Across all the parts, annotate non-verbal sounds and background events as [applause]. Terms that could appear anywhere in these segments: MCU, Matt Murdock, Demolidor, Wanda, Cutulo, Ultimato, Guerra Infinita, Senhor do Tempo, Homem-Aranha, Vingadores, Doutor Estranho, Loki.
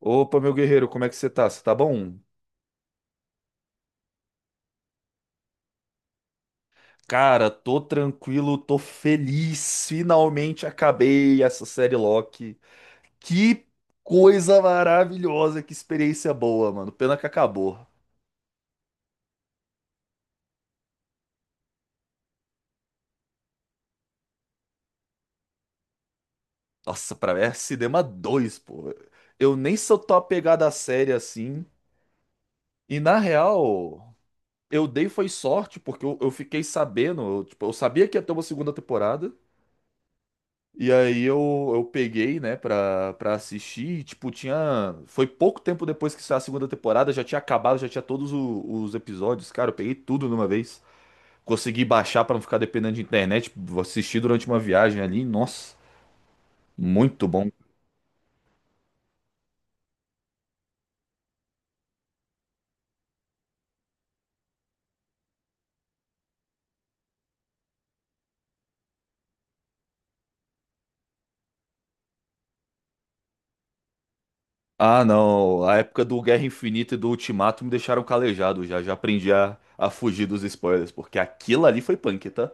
Opa, meu guerreiro, como é que você tá? Você tá bom? Cara, tô tranquilo, tô feliz. Finalmente acabei essa série Loki. Que coisa maravilhosa, que experiência boa, mano. Pena que acabou. Nossa, pra mim é Cinema 2, pô. Eu nem sou tão apegado à série assim. E na real, eu dei foi sorte, porque eu fiquei sabendo, eu, tipo, eu sabia que ia ter uma segunda temporada. E aí eu peguei, né, pra assistir, e, tipo, tinha... Foi pouco tempo depois que saiu a segunda temporada, já tinha acabado, já tinha todos os episódios, cara, eu peguei tudo numa vez. Consegui baixar pra não ficar dependendo de internet, assistir durante uma viagem ali, nossa, muito bom. Ah, não, a época do Guerra Infinita e do Ultimato me deixaram calejado já, já aprendi a fugir dos spoilers, porque aquilo ali foi punk, tá?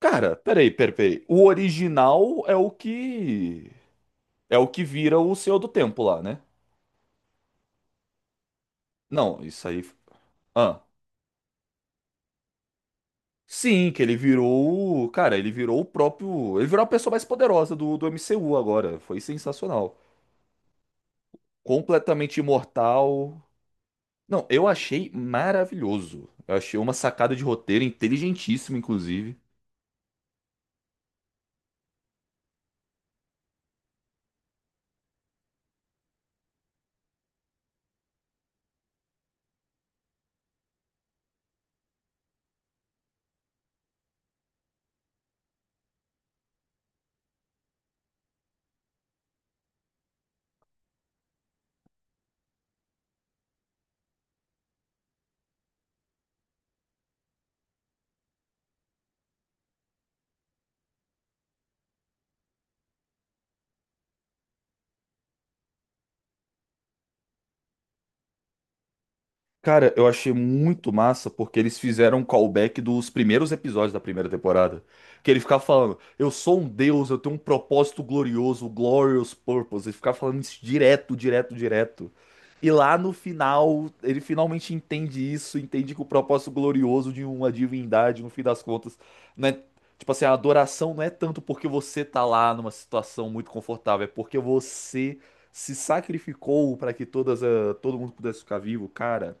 Cara, peraí, peraí, peraí. O original é o que... É o que vira o Senhor do Tempo lá, né? Não, isso aí. Ah. Sim, que ele virou. Cara, ele virou o próprio. Ele virou a pessoa mais poderosa do, do MCU agora. Foi sensacional. Completamente imortal. Não, eu achei maravilhoso. Eu achei uma sacada de roteiro inteligentíssima, inclusive. Cara, eu achei muito massa porque eles fizeram um callback dos primeiros episódios da primeira temporada. Que ele ficava falando, eu sou um deus, eu tenho um propósito glorioso, o glorious purpose. Ele ficava falando isso direto, direto, direto. E lá no final, ele finalmente entende isso, entende que o propósito glorioso de uma divindade, no fim das contas, não é, tipo assim, a adoração não é tanto porque você tá lá numa situação muito confortável, é porque você se sacrificou para que todas, todo mundo pudesse ficar vivo, cara,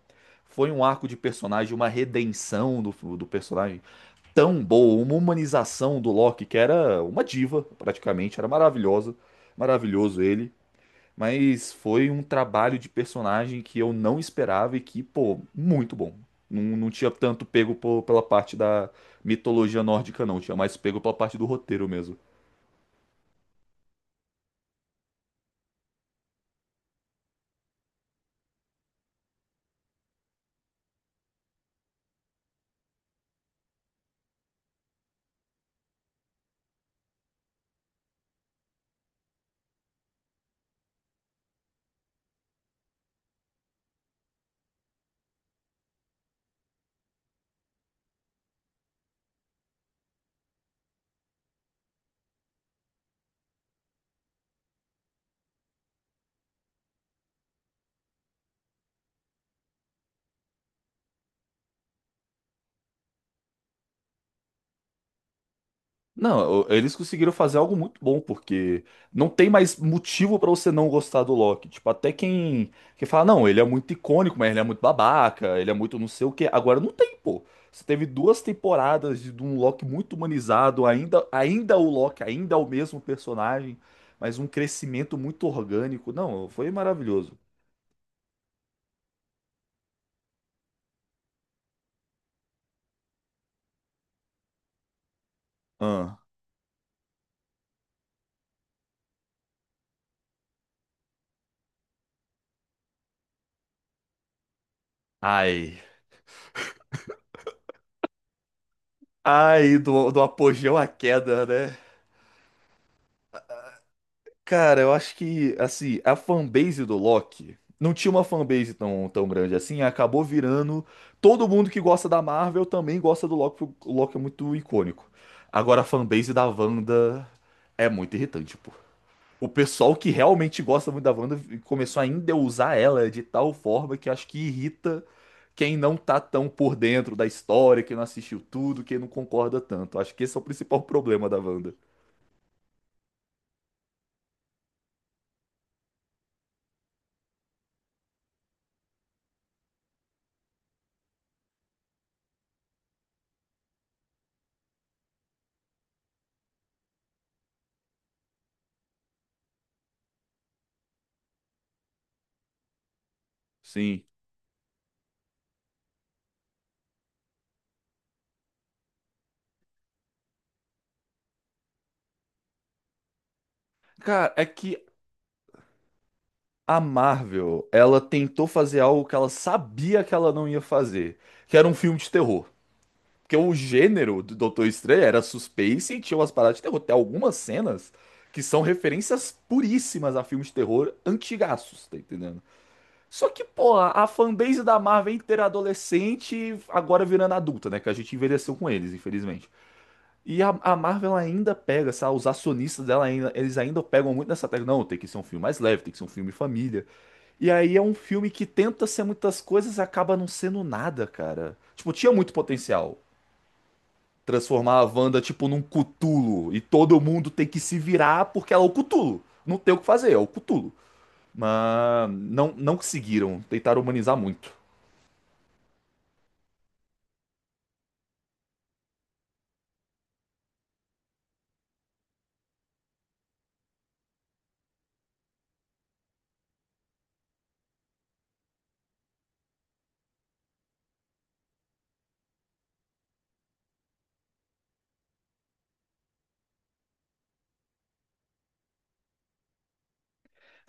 foi um arco de personagem, uma redenção do, do personagem tão boa, uma humanização do Loki, que era uma diva, praticamente, era maravilhosa, maravilhoso ele. Mas foi um trabalho de personagem que eu não esperava e que, pô, muito bom. Não, não tinha tanto pego pela parte da mitologia nórdica, não. Tinha mais pego pela parte do roteiro mesmo. Não, eles conseguiram fazer algo muito bom, porque não tem mais motivo pra você não gostar do Loki. Tipo, até quem, quem fala, não, ele é muito icônico, mas ele é muito babaca, ele é muito não sei o quê. Agora não tem, pô. Você teve duas temporadas de um Loki muito humanizado, ainda, ainda o Loki, ainda é o mesmo personagem, mas um crescimento muito orgânico. Não, foi maravilhoso. Ah, ai. Ai, do, do apogeu à queda, né? Cara, eu acho que, assim, a fanbase do Loki não tinha uma fanbase tão, tão grande assim, acabou virando. Todo mundo que gosta da Marvel também gosta do Loki, porque o Loki é muito icônico. Agora, a fanbase da Wanda é muito irritante, pô. O pessoal que realmente gosta muito da Wanda começou a endeusar ela de tal forma que acho que irrita quem não tá tão por dentro da história, quem não assistiu tudo, quem não concorda tanto. Acho que esse é o principal problema da Wanda. Sim. Cara, é que a Marvel, ela tentou fazer algo que ela sabia que ela não ia fazer, que era um filme de terror. Porque o gênero do Doutor Estranho era suspense e tinha umas paradas de terror. Tem algumas cenas que são referências puríssimas a filmes de terror antigaços, tá entendendo? Só que, pô, a fanbase da Marvel é inteira adolescente, agora virando adulta, né? Que a gente envelheceu com eles, infelizmente. E a Marvel ainda pega, sabe? Os acionistas dela ainda, eles ainda pegam muito nessa tecla. Não, tem que ser um filme mais leve, tem que ser um filme família. E aí é um filme que tenta ser muitas coisas e acaba não sendo nada, cara. Tipo, tinha muito potencial. Transformar a Wanda, tipo, num Cutulo. E todo mundo tem que se virar porque ela é o Cutulo. Não tem o que fazer, é o Cutulo. Mas não, não conseguiram. Tentaram humanizar muito.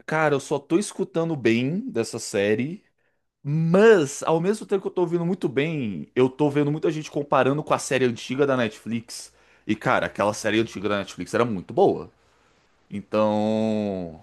Cara, eu só tô escutando bem dessa série. Mas, ao mesmo tempo que eu tô ouvindo muito bem, eu tô vendo muita gente comparando com a série antiga da Netflix. E, cara, aquela série antiga da Netflix era muito boa. Então.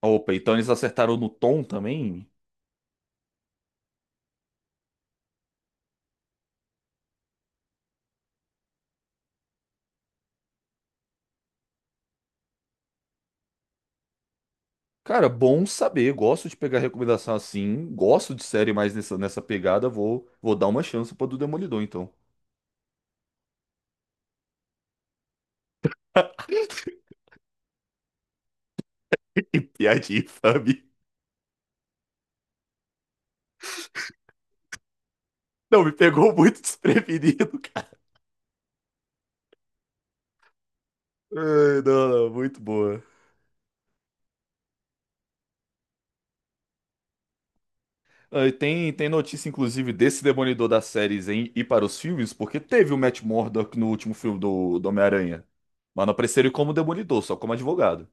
Opa, então eles acertaram no tom também? Cara, bom saber. Gosto de pegar recomendação assim. Gosto de série mais nessa, nessa pegada. Vou, vou dar uma chance pra do Demolidor, então. [laughs] Que piadinha infame. Não, me pegou muito desprevenido, [laughs] cara. Ai, não, não, muito boa. Ah, e tem, tem notícia, inclusive, desse Demolidor das séries em ir para os filmes, porque teve o Matt Murdock no último filme do, do Homem-Aranha. Mas não apareceu ele como Demolidor, só como advogado.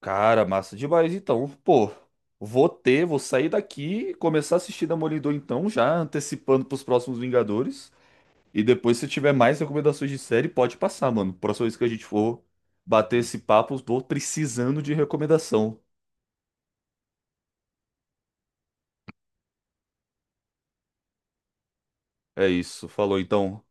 Cara, massa demais. Então, pô, vou ter, vou sair daqui e começar a assistir Demolidor então, já antecipando pros próximos Vingadores. E depois, se tiver mais recomendações de série, pode passar, mano. Próxima vez que a gente for bater esse papo, tô precisando de recomendação. É isso, falou então.